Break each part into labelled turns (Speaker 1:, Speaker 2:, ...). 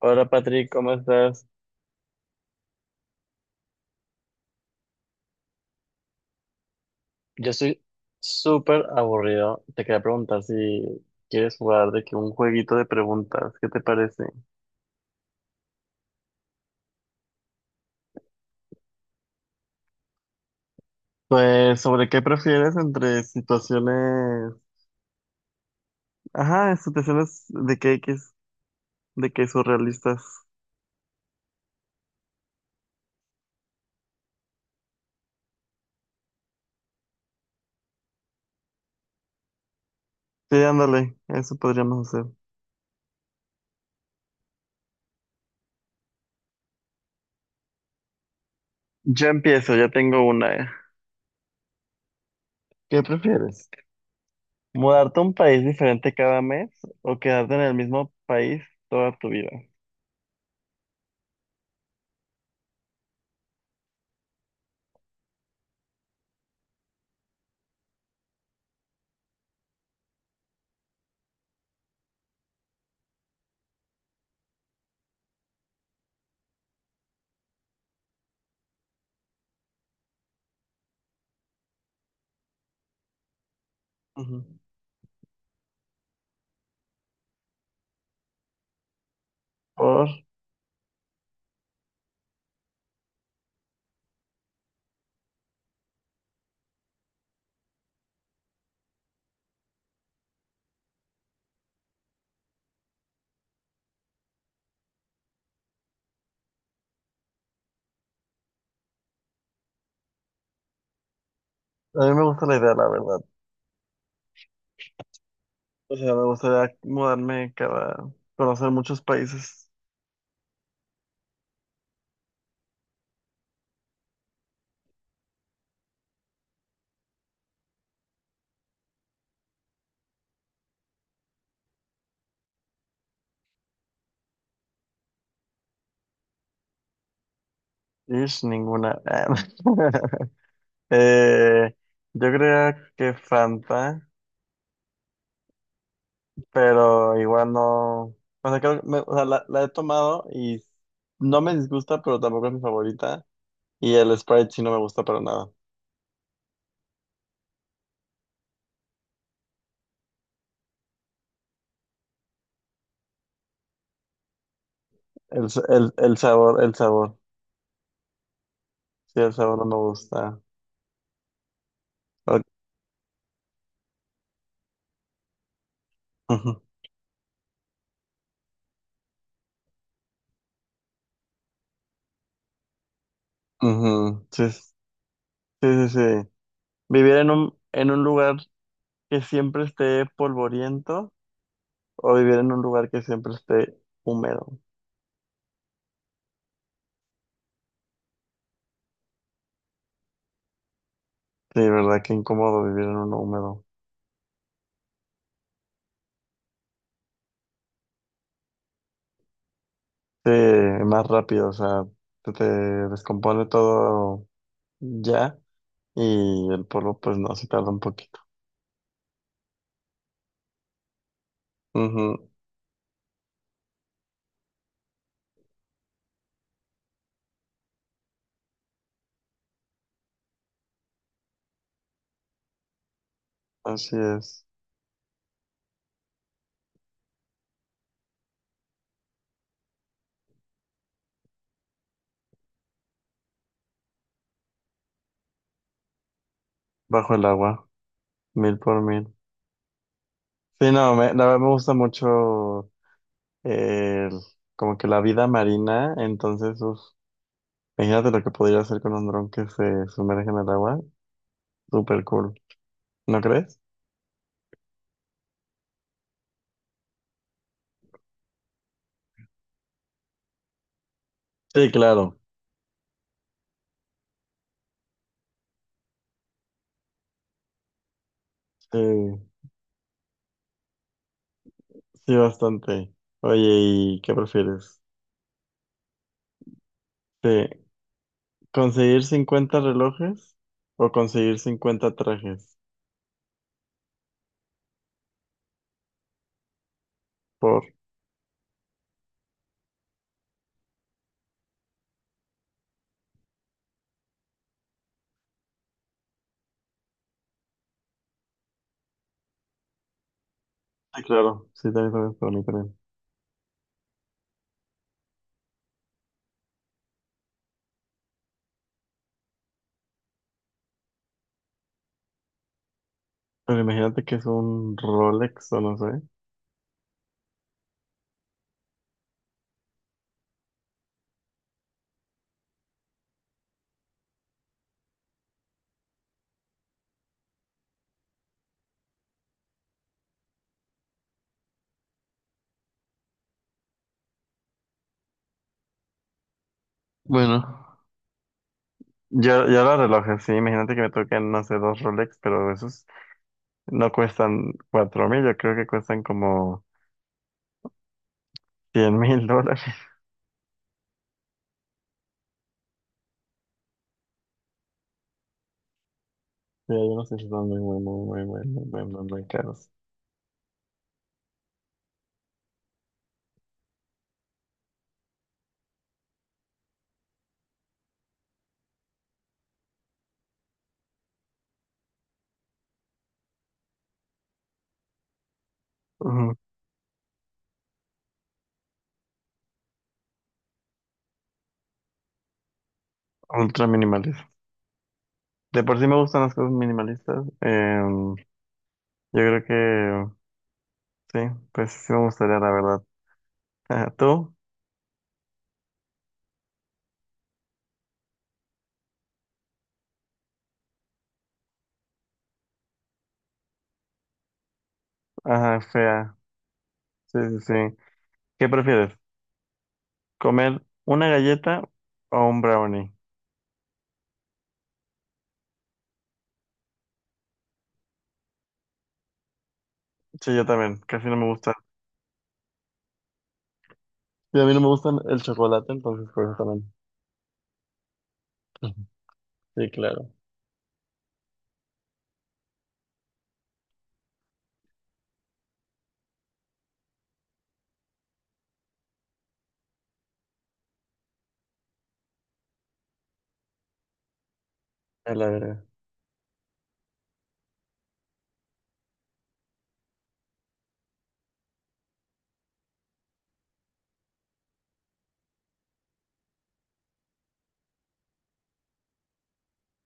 Speaker 1: Hola Patrick, ¿cómo estás? Yo estoy súper aburrido. Te quería preguntar si quieres jugar de que un jueguito de preguntas, ¿qué te parece? Pues sobre qué prefieres entre situaciones, ajá, situaciones de que X, de que surrealistas. Sí, ándale, eso podríamos hacer. Yo empiezo, ya tengo una. ¿Qué prefieres? ¿Mudarte a un país diferente cada mes o quedarte en el mismo país toda tu vida? Ujú. Por... A mí me gusta la idea, la verdad. O sea, me gustaría mudarme cada... conocer muchos países. Ish, ninguna. Eh, yo creía que Fanta, pero igual no... O sea, creo que o sea, la he tomado y no me disgusta, pero tampoco es mi favorita. Y el Sprite sí no me gusta para nada. El sabor, el sabor. Sí, el sabor no me gusta. Ok. Ujú, ujú. Sí, sí, sí, sí. Vivir en un lugar que siempre esté polvoriento. O vivir en un lugar que siempre esté húmedo. Sí, verdad, qué incómodo vivir en uno húmedo. Sí, más rápido, o sea, se te descompone todo ya y el polvo pues no, se tarda un poquito. Ujú, así es, bajo el agua, mil por mil. Sí, no, me, la verdad me gusta mucho el, como que la vida marina, entonces, uf, imagínate lo que podría hacer con un dron que se sumerge en el agua, súper cool, ¿no crees? Sí, claro, sí. Sí, bastante. Oye, ¿y qué prefieres? ¿Te- ¿Conseguir 50 relojes o conseguir 50 trajes? Por... Sí, claro, sí, también, también, para mí también. Pero imagínate que es un Rolex o no sé. Bueno, ya, ya los relojes, sí, imagínate que me toquen, no sé, dos Rolex, pero esos no cuestan 4.000, yo creo que cuestan como 100.000 dólares. Sí, yo no sé si son muy, muy, muy, muy, muy, muy, muy, muy, caros. Ujú. Ultra minimales. De por sí me gustan las cosas minimalistas. Yo creo que sí, pues sí me gustaría, la verdad. Ajá, ¿tú? Ajá, fea. Sí, sí, sí. ¿Qué prefieres? ¿Comer una galleta o un brownie? Sí, yo también. Casi no me gusta. Y a mí no me gustan el chocolate, entonces por eso también. Ujú. Sí, claro. A la verga.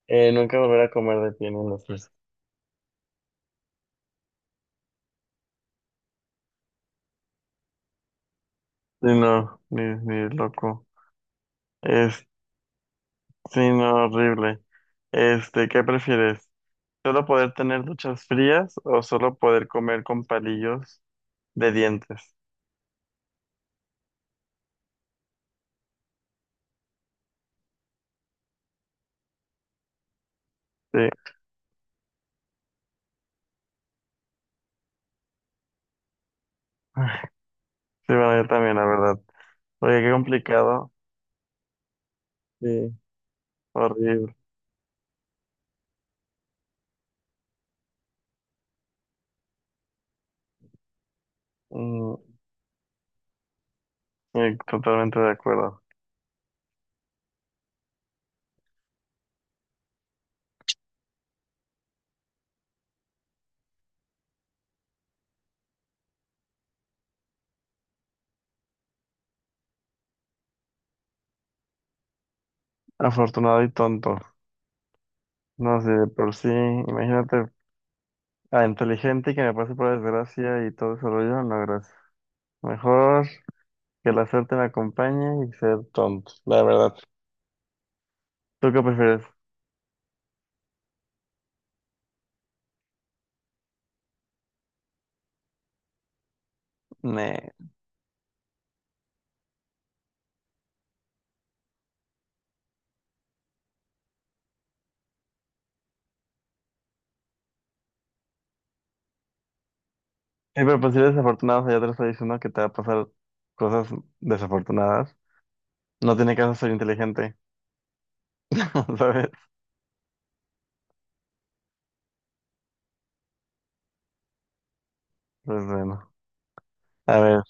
Speaker 1: Nunca volver a comer de pie en las fiestas. Sí, no, ni, ni loco. Es, sí, no, horrible. Este, ¿qué prefieres? ¿Solo poder tener duchas frías o solo poder comer con palillos de dientes? Sí, sí, bueno, yo también, la verdad. Oye, qué complicado. Sí, horrible. Mm, sí, totalmente de acuerdo. Afortunado y tonto. No sé, de por sí, imagínate, a inteligente y que me pase por desgracia y todo ese rollo, no, gracias. Mejor que la suerte me acompañe y ser tonto, la verdad. ¿Tú qué prefieres? Nah. Pero pues si eres desafortunado, o sea, ya te lo estoy diciendo que te va a pasar cosas desafortunadas. No tiene caso ser inteligente, ¿sabes? Pues bueno, a ver,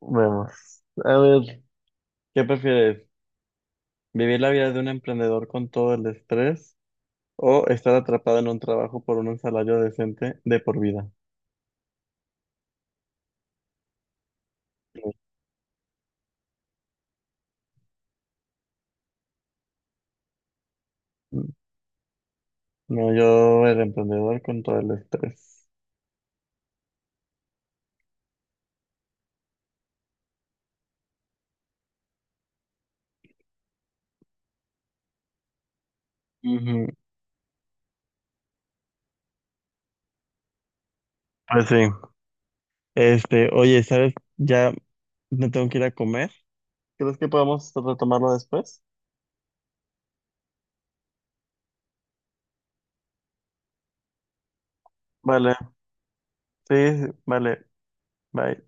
Speaker 1: vemos. A ver, ¿qué prefieres? ¿Vivir la vida de un emprendedor con todo el estrés o estar atrapado en un trabajo por un salario decente de por vida? Mm, No, yo el emprendedor con todo el estrés. Ujú. Pues sí. Este, oye, ¿sabes? Ya me tengo que ir a comer. ¿Crees que podamos retomarlo después? Vale. Sí, sí, vale, bye.